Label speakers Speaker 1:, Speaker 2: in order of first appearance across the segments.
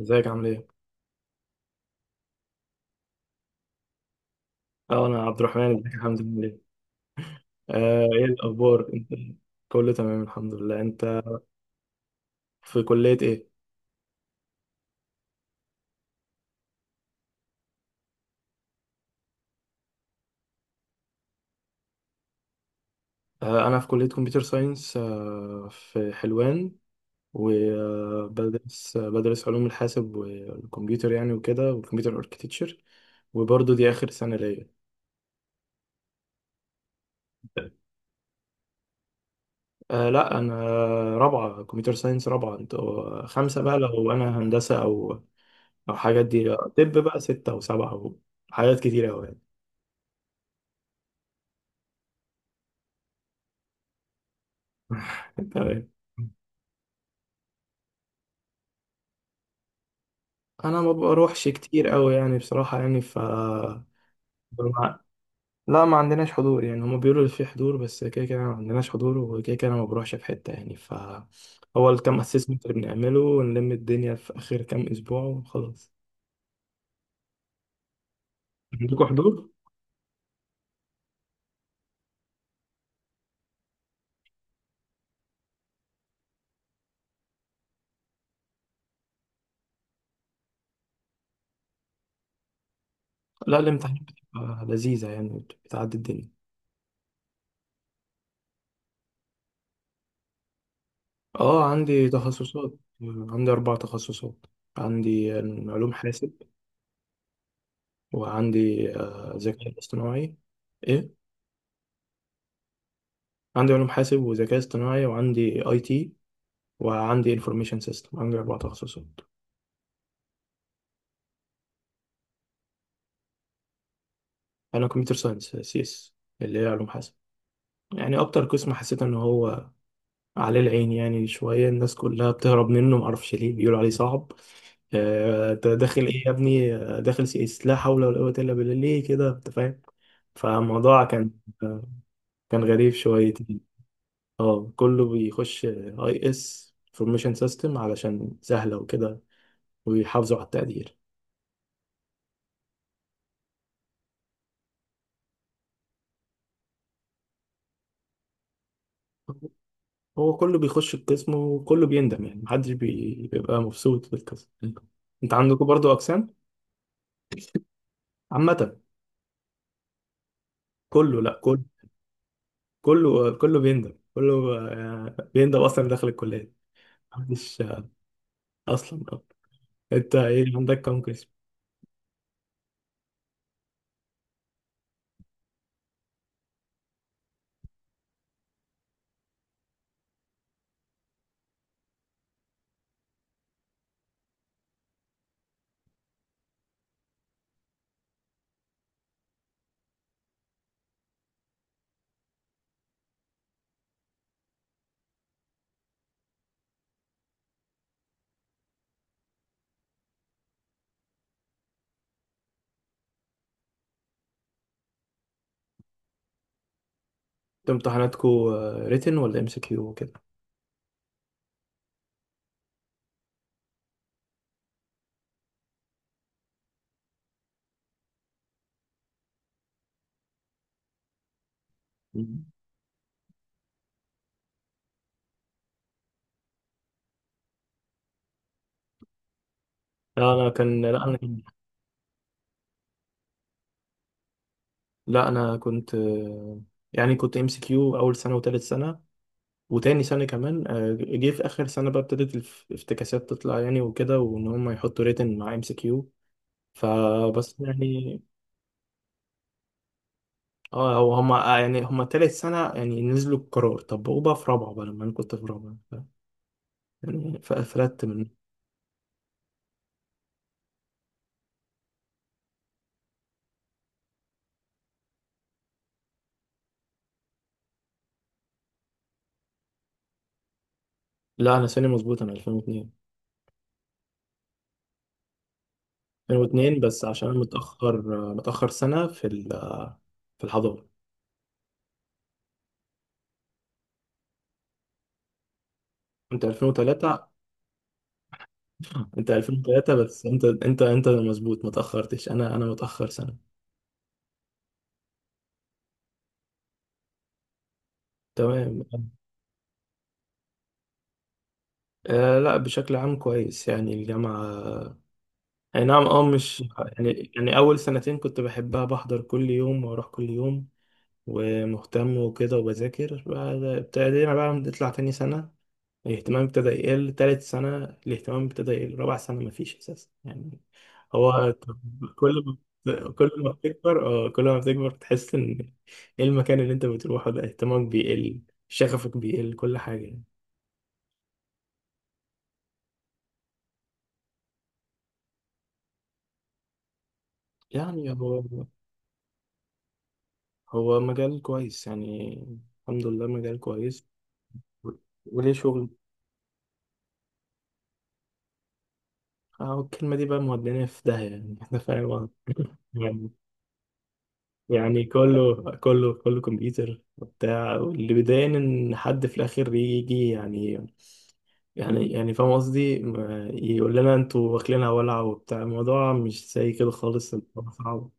Speaker 1: ازيك عامل ايه؟ اه انا عبد الرحمن، ازيك يا حمد عامل ايه؟ آه، ايه الاخبار؟ انت كله تمام الحمد لله. انت في كلية ايه؟ آه، انا في كلية كمبيوتر ساينس، آه، في حلوان. وبدرس علوم الحاسب والكمبيوتر يعني وكده، والكمبيوتر اركتكتشر. وبرضه دي اخر سنة ليا. آه لا، انا رابعة كمبيوتر ساينس. رابعة. انتوا خمسة بقى لو انا هندسة او او حاجات دي. طب بقى ستة او سبعة وحاجات كتيرة اوي يعني. تمام. انا ما بروحش كتير قوي يعني بصراحه يعني ف ما- لا، ما عندناش حضور يعني. هما بيقولوا اللي فيه حضور، بس كده كده ما عندناش حضور، وكده كده انا ما بروحش في حته يعني ف هو الكام اسسمنت اللي بنعمله ونلم الدنيا في اخر كام اسبوع وخلاص. عندكم حضور؟ لا، الامتحانات بتبقى لذيذه يعني، بتعدي الدنيا. اه عندي تخصصات. عندي اربع تخصصات. عندي علوم حاسب، وعندي ذكاء اصطناعي. ايه. عندي علوم حاسب وذكاء اصطناعي، وعندي اي تي، وعندي انفورميشن سيستم. عندي اربع تخصصات. انا كمبيوتر ساينس، سي اس، اللي هي علوم حاسب. يعني اكتر قسم حسيت ان هو عليه العين يعني. شويه الناس كلها بتهرب منه، معرفش ليه، بيقولوا عليه صعب. انت داخل ايه يا ابني؟ داخل سي اس؟ لا حول ولا قوه الا بالله، ليه كده؟ انت فاهم. فالموضوع كان آه، كان غريب شويتين. اه، كله بيخش اي اس انفورميشن سيستم علشان سهله وكده، ويحافظوا على التقدير. هو كله بيخش القسم وكله بيندم يعني، محدش بيبقى مبسوط بالقسم. انت عندكم برضو اقسام عامة؟ كله، لا كله، كله بيندم. كله بيندم اصلا داخل الكلية. محدش اصلا انت ايه، عندك كام قسم؟ انت امتحاناتكو ريتن ولا ام سي كيو وكده؟ مم. لا انا لا انا كنت يعني كنت ام سي كيو اول سنة وتالت سنة وتاني سنة كمان. جه في آخر سنة بقى، ابتدت الافتكاسات تطلع يعني وكده، وإن هم يحطوا ريتن مع ام سي كيو، فبس يعني. اه، هو هما يعني هما تالت سنة يعني نزلوا القرار، طبقوه بقى في رابعة بقى لما أنا كنت في رابعة يعني فقفلت من. لا، أنا سنة مظبوط، أنا 2002. بس عشان أنا متأخر، متأخر سنة في ال في الحضانة. أنت 2003. أنت 2003 بس أنت أنت أنت مظبوط، متأخرتش. أنا متأخر سنة. تمام. آه لا، بشكل عام كويس يعني الجامعة. أي نعم، اه مش يعني. يعني أول سنتين كنت بحبها، بحضر كل يوم وأروح كل يوم ومهتم وكده وبذاكر. ابتدينا بقى نطلع تاني سنة، الاهتمام ابتدى يقل. تالت سنة الاهتمام ابتدى يقل. رابع سنة مفيش أساسا يعني. هو كل ما بتكبر، اه، كل ما بتكبر بتحس إن إيه المكان اللي أنت بتروحه ده، اهتمامك بيقل، شغفك بيقل، كل حاجة يعني. يعني هو مجال كويس يعني. الحمد لله، مجال كويس. و- وليه شغل. اه، الكلمة دي بقى مودينا في داهية يعني. احنا فاهم غلط. يعني يعني كله كمبيوتر وبتاع. واللي بيضايقني ان حد في الاخر يجي يعني، يعني فاهم قصدي، يقول لنا انتوا واكلينها ولع وبتاع. الموضوع مش زي كده خالص، الموضوع صعب.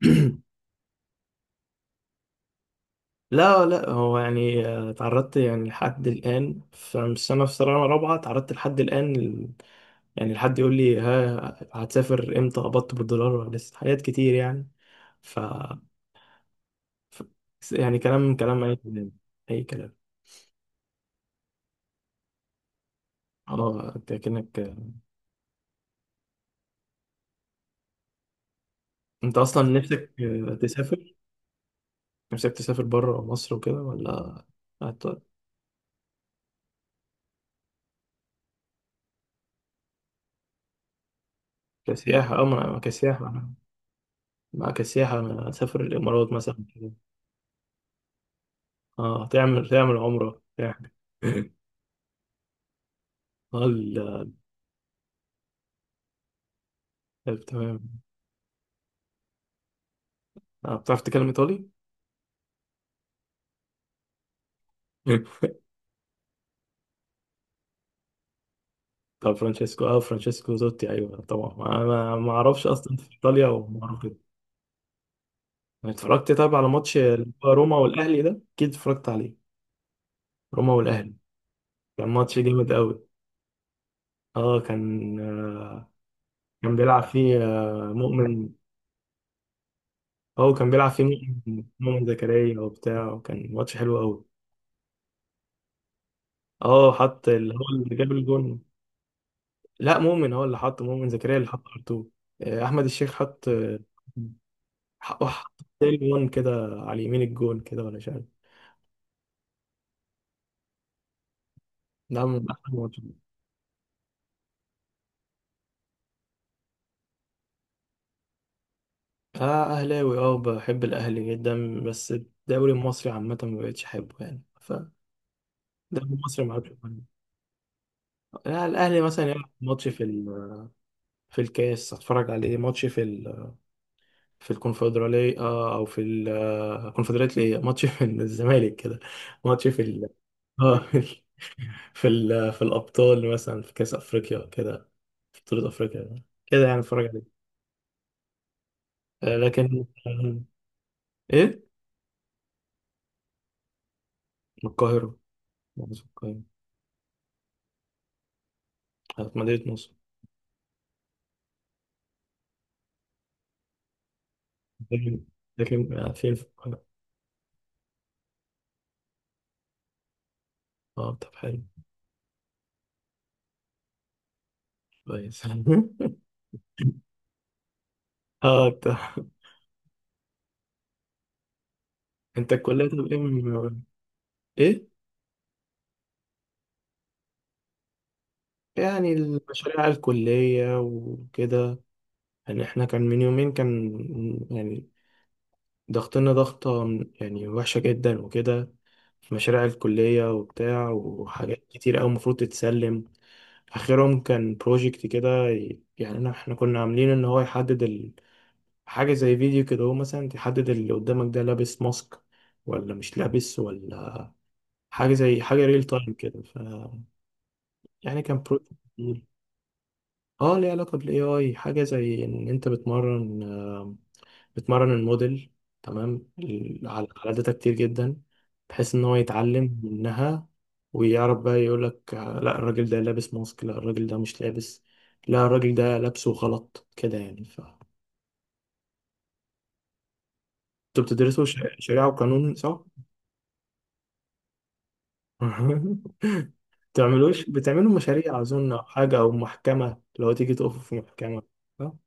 Speaker 1: لا هو يعني تعرضت يعني لحد الآن، فمش، أنا في سنة رابعة تعرضت لحد الآن يعني. الحد يقول لي: ها، هتسافر امتى، قبضت بالدولار ولا لسه، حاجات كتير يعني. ف... ف... يعني كلام اي كلام، اي كلام. اه انت كأنك، انت اصلا نفسك تسافر؟ نفسك تسافر بره مصر وكده ولا هت- كسياحة؟ اه، ما كسياحة، ما كسياحة. انا اسافر الامارات مثلا كده. اه، تعمل عمرة يعني. اه طيب، تمام. بتعرف تتكلم ايطالي؟ طب فرانشيسكو، اه فرانشيسكو زوتي. ايوه طبعا، انا ما اعرفش اصلا في ايطاليا وما اعرف كده. أنا اتفرجت طب على ماتش اللي هو روما والاهلي ده، اكيد اتفرجت عليه. روما والاهلي، كان ماتش جامد قوي. اه كان آه، كان بيلعب فيه آه مؤمن، هو كان بيلعب فيه مؤمن زكريا وبتاع، وكان ماتش حلو قوي. اه، حط اللي هو اللي جاب الجون. لا، مؤمن هو اللي حط، مؤمن زكريا اللي حط ار احمد الشيخ حط، حط تاني جون كده، على يمين الجون كده ولا مش عارف. نعم، من أحلى الماتشات. اه اهلاوي، اه، بحب الاهلي جدا، بس الدوري المصري عامه ما بقتش احبه يعني. فالدوري المصري ما عادش بحبه. يعني الاهلي مثلا يلعب ماتش في في الكاس اتفرج عليه، ماتش في في الكونفدراليه، او في الكونفدراليه ايه، ماتش في الزمالك كده، ماتش في ال... اه في ال... في الابطال مثلا، في كاس افريقيا كده، في بطوله افريقيا كده يعني اتفرج عليه. آه، لكن آه، ايه. من القاهره، مصر القاهره. في مدينه نصر. لكن لكن آه، في الف... اه طب حلو، كويس. اه طب، انت الكلية طب ايه ايه؟ يعني المشاريع الكلية وكده. يعني احنا كان من يومين كان يعني ضغطنا ضغطة يعني وحشة جدا وكده، في مشاريع الكلية وبتاع وحاجات كتير أوي المفروض تتسلم. آخرهم كان بروجكت كده، احنا كنا عاملين إن هو يحدد حاجة زي فيديو كده، هو مثلا تحدد اللي قدامك ده لابس ماسك ولا مش لابس، ولا حاجة زي حاجة ريل تايم كده. ف يعني كان بروجكت جميل. اه، ليه علاقة بالاي اي. حاجة زي ان انت بتمرن، بتمرن الموديل تمام على على داتا كتير جدا بحيث ان هو يتعلم منها، ويعرف بقى يقولك: لا الراجل ده لابس ماسك، لا الراجل ده مش لابس، لا الراجل ده لابسه غلط كده يعني. ف انتوا بتدرسوا شريعة وقانون صح؟ بتعملوش بتعملوا مشاريع أظن، أو حاجة، أو محكمة لو تيجي تقفوا في محكمة؟ آه،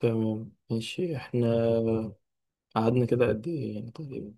Speaker 1: تمام، ماشي. احنا قعدنا كده قد ايه يعني تقريبا؟